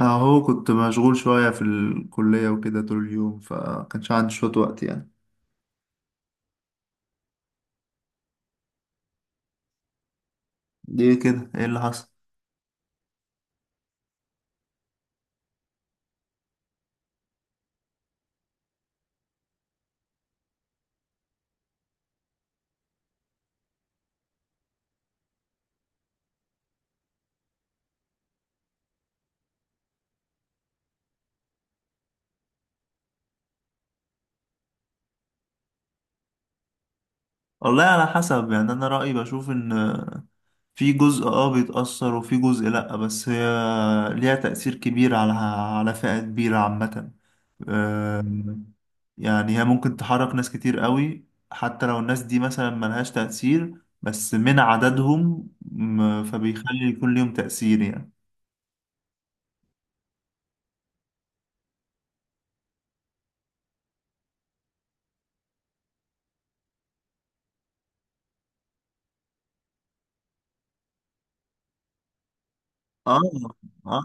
اهو كنت مشغول شوية في الكلية وكده طول اليوم فكانش عندي شوية وقت يعني. ليه كده؟ ايه اللي حصل؟ والله على حسب، يعني انا رأيي بشوف ان في جزء بيتأثر وفي جزء لأ، بس هي ليها تأثير كبير على فئة كبيرة عامة. أم، يعني هي ممكن تحرك ناس كتير قوي، حتى لو الناس دي مثلا ملهاش تأثير، بس من عددهم فبيخلي يكون ليهم تأثير يعني. اه. اه،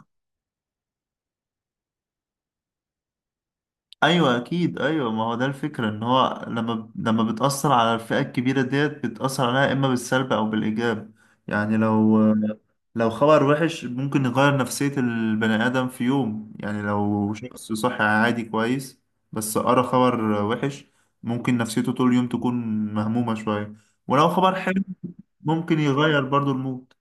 ايوه اكيد، ايوه ما هو ده الفكره، ان هو لما بتاثر على الفئه الكبيره ديت بتاثر عليها، اما بالسلب او بالايجاب. يعني لو، خبر وحش ممكن يغير نفسيه البني ادم في يوم، يعني لو شخص صحي عادي كويس بس قرا خبر وحش، ممكن نفسيته طول اليوم تكون مهمومه شويه. ولو خبر حلو ممكن يغير برضو المود.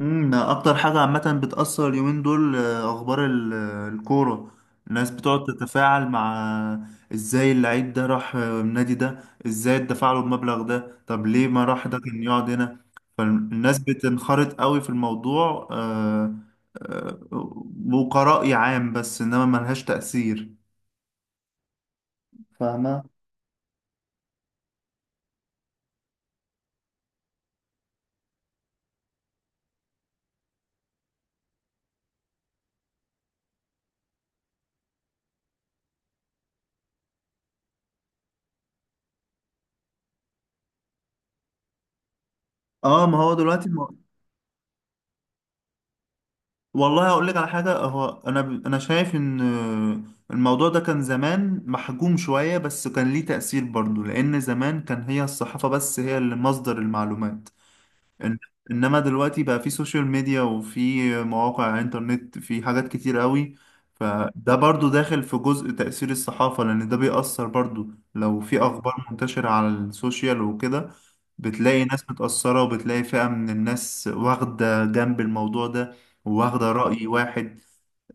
امم، ده اكتر حاجة عامة بتأثر اليومين دول، اخبار الكورة. الناس بتقعد تتفاعل مع ازاي اللعيب ده راح النادي ده، ازاي اتدفع له المبلغ ده، طب ليه ما راح، ده كان يقعد هنا. فالناس بتنخرط قوي في الموضوع، آه، وكرأي عام، بس انما ملهاش تأثير. فاهمة؟ اه ما هو دلوقتي، والله هقول لك على حاجة، هو أنا شايف إن الموضوع ده كان زمان محجوم شوية، بس كان ليه تأثير برضه، لأن زمان كان هي الصحافة بس هي اللي مصدر المعلومات. إن- انما دلوقتي بقى في سوشيال ميديا وفي مواقع انترنت، في حاجات كتير قوي. فده برضو داخل في جزء تأثير الصحافة، لان ده بيأثر برضو. لو في اخبار منتشرة على السوشيال وكده، بتلاقي ناس متأثرة وبتلاقي فئة من الناس واخدة جنب الموضوع ده، وواخدة رأي واحد.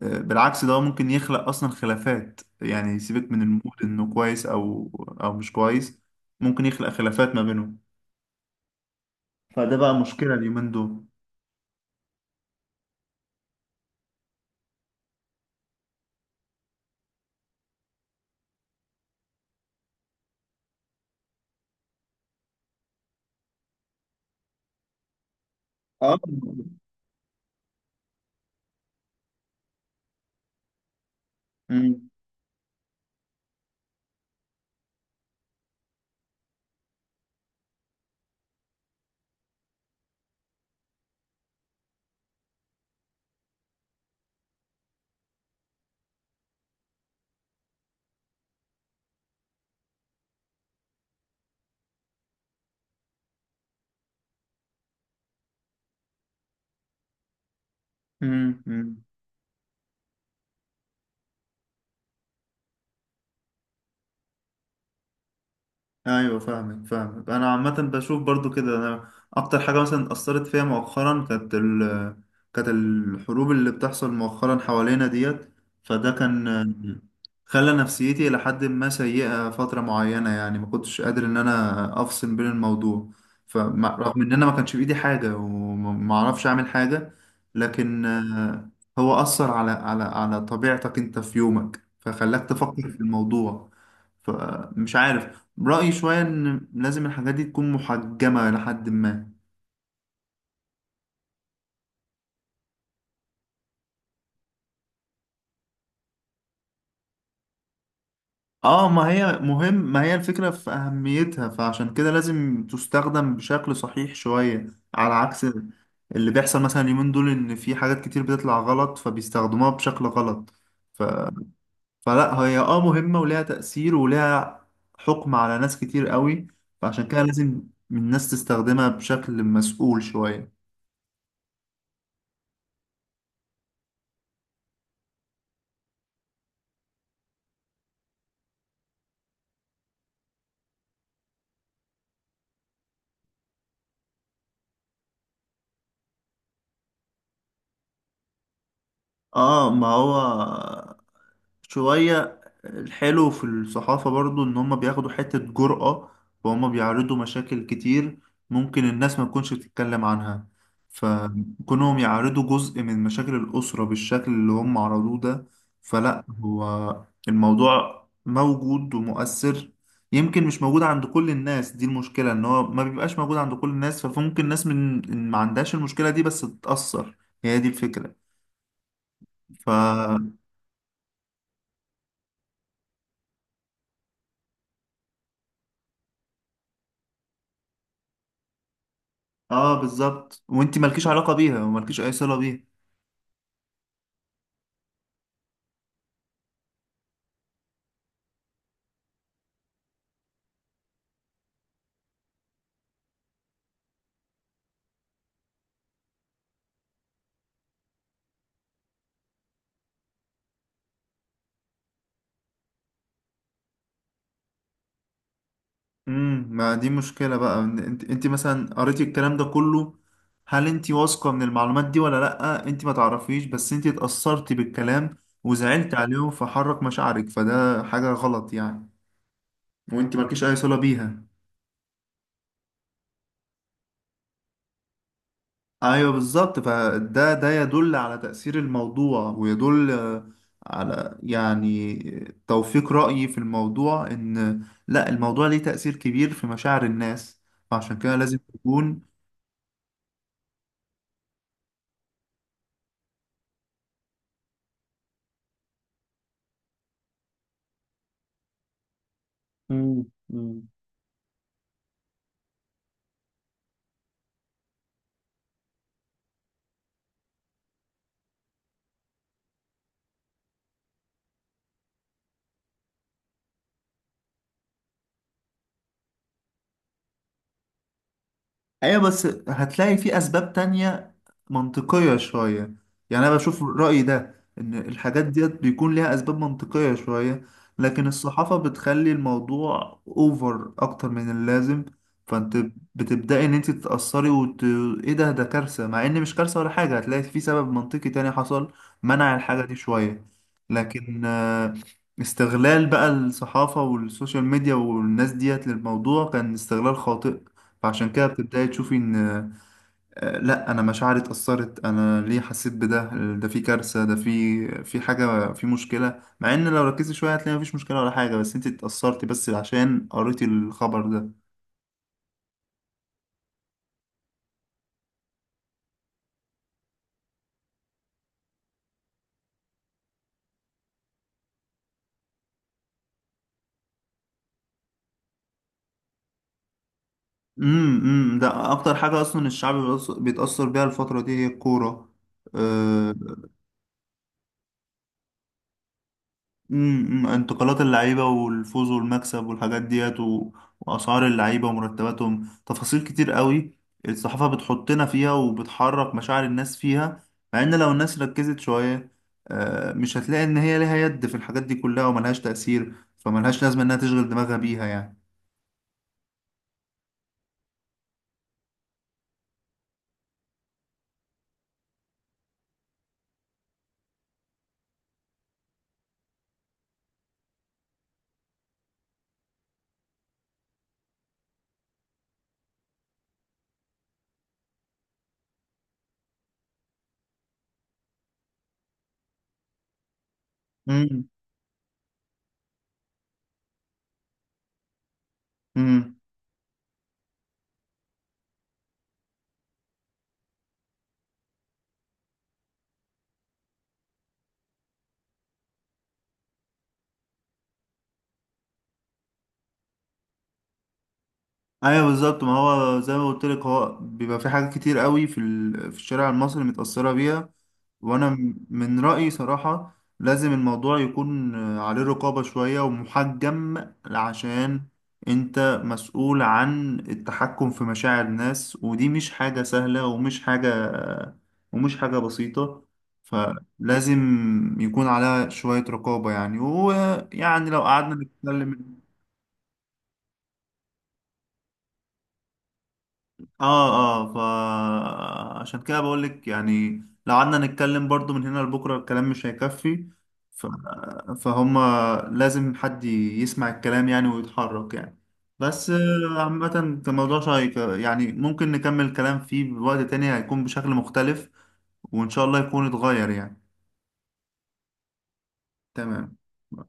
بالعكس، ده ممكن يخلق اصلا خلافات، يعني سيبك من المود انه كويس او او مش كويس، ممكن يخلق خلافات ما بينهم. فده بقى مشكلة اليومين دول. اه. مم. مم. مم. ايوه فاهمك، انا عامه بشوف برضو كده. انا اكتر حاجه مثلا اثرت فيها مؤخرا كانت كانت الحروب اللي بتحصل مؤخرا حوالينا ديت. فده كان خلى نفسيتي إلى حد ما سيئه فتره معينه، يعني ما كنتش قادر ان انا افصل بين الموضوع، فرغم ان انا ما كانش بايدي حاجه وما اعرفش اعمل حاجه، لكن هو اثر على على طبيعتك انت في يومك، فخلاك تفكر في الموضوع، فمش عارف. رأيي شوية إن لازم الحاجات دي تكون محجمة لحد ما. اه، ما هي مهم، ما هي الفكرة في أهميتها، فعشان كده لازم تستخدم بشكل صحيح شوية، على عكس اللي بيحصل مثلا اليومين دول إن في حاجات كتير بتطلع غلط فبيستخدموها بشكل غلط. ف... فلا هي اه مهمة وليها تأثير وليها حكم على ناس كتير قوي، فعشان كده لازم الناس تستخدمها بشكل مسؤول شوية. اه ما هو، شوية الحلو في الصحافة برضو إن هما بياخدوا حتة جرأة، وهما بيعرضوا مشاكل كتير ممكن الناس ما تكونش بتتكلم عنها، فكونهم يعرضوا جزء من مشاكل الأسرة بالشكل اللي هم عرضوه ده، فلا هو الموضوع موجود ومؤثر. يمكن مش موجود عند كل الناس، دي المشكلة، إن هو ما بيبقاش موجود عند كل الناس، فممكن ناس من ما عندهاش المشكلة دي بس تتأثر، هي دي الفكرة. ف، اه بالظبط، وانت مالكيش علاقة بيها ومالكيش اي صلة بيها. امم، ما دي مشكلة بقى، إن انت مثلا قريتي الكلام ده كله، هل انت واثقة من المعلومات دي ولا لأ؟ انت ما تعرفيش بس انت اتأثرتي بالكلام، وزعلت عليهم فحرك مشاعرك، فده حاجة غلط يعني، وانت مالكيش اي صلة بيها. ايوه بالظبط، فده ده يدل على تأثير الموضوع ويدل على، يعني توفيق رأيي في الموضوع، ان لا الموضوع ليه تأثير كبير في مشاعر الناس، فعشان كده لازم تكون. مم. ايوه بس هتلاقي في اسباب تانية منطقية شوية، يعني انا بشوف رأيي ده ان الحاجات ديت بيكون ليها اسباب منطقية شوية، لكن الصحافة بتخلي الموضوع اوفر اكتر من اللازم، فانت بتبدأي ان انت تتأثري. ايه ده؟ ده كارثة، مع ان مش كارثة ولا حاجة، هتلاقي في سبب منطقي تاني حصل منع الحاجة دي شوية، لكن استغلال بقى الصحافة والسوشيال ميديا والناس ديت للموضوع كان استغلال خاطئ. فعشان كده بتبدأي تشوفي إن لأ، أنا مشاعري اتأثرت، أنا ليه حسيت بده، ده في كارثة، ده في حاجة، في مشكلة، مع إن لو ركزتي شوية هتلاقي مفيش مشكلة ولا حاجة، بس أنت اتأثرتي بس عشان قريتي الخبر ده. امم. امم، ده أكتر حاجة أصلا الشعب بيتأثر بيها الفترة دي هي الكورة. آه، امم، انتقالات اللعيبة والفوز والمكسب والحاجات ديت وأسعار اللعيبة ومرتباتهم، تفاصيل كتير قوي الصحافة بتحطنا فيها وبتحرك مشاعر الناس فيها، مع إن لو الناس ركزت شوية، مش هتلاقي إن هي ليها يد في الحاجات دي كلها وملهاش تأثير، فملهاش لازمة إنها تشغل دماغها بيها يعني. امم. امم. ايوه بالظبط، ما هو زي ما قلت لك، هو بيبقى في حاجات كتير قوي في في الشارع المصري متأثرة بيها، وانا من رأيي صراحة لازم الموضوع يكون عليه رقابة شوية ومحجم، عشان انت مسؤول عن التحكم في مشاعر الناس، ودي مش حاجة سهلة ومش حاجة ومش حاجة بسيطة، فلازم يكون عليها شوية رقابة يعني. ويعني لو قعدنا نتكلم، اه. اه، فعشان كده بقول لك، يعني لو قعدنا نتكلم برضو من هنا لبكره الكلام مش هيكفي. ف... فهم لازم حد يسمع الكلام يعني ويتحرك يعني. بس عامة الموضوع شيق، يعني ممكن نكمل الكلام فيه بوقت تاني هيكون بشكل مختلف، وإن شاء الله يكون اتغير يعني. تمام.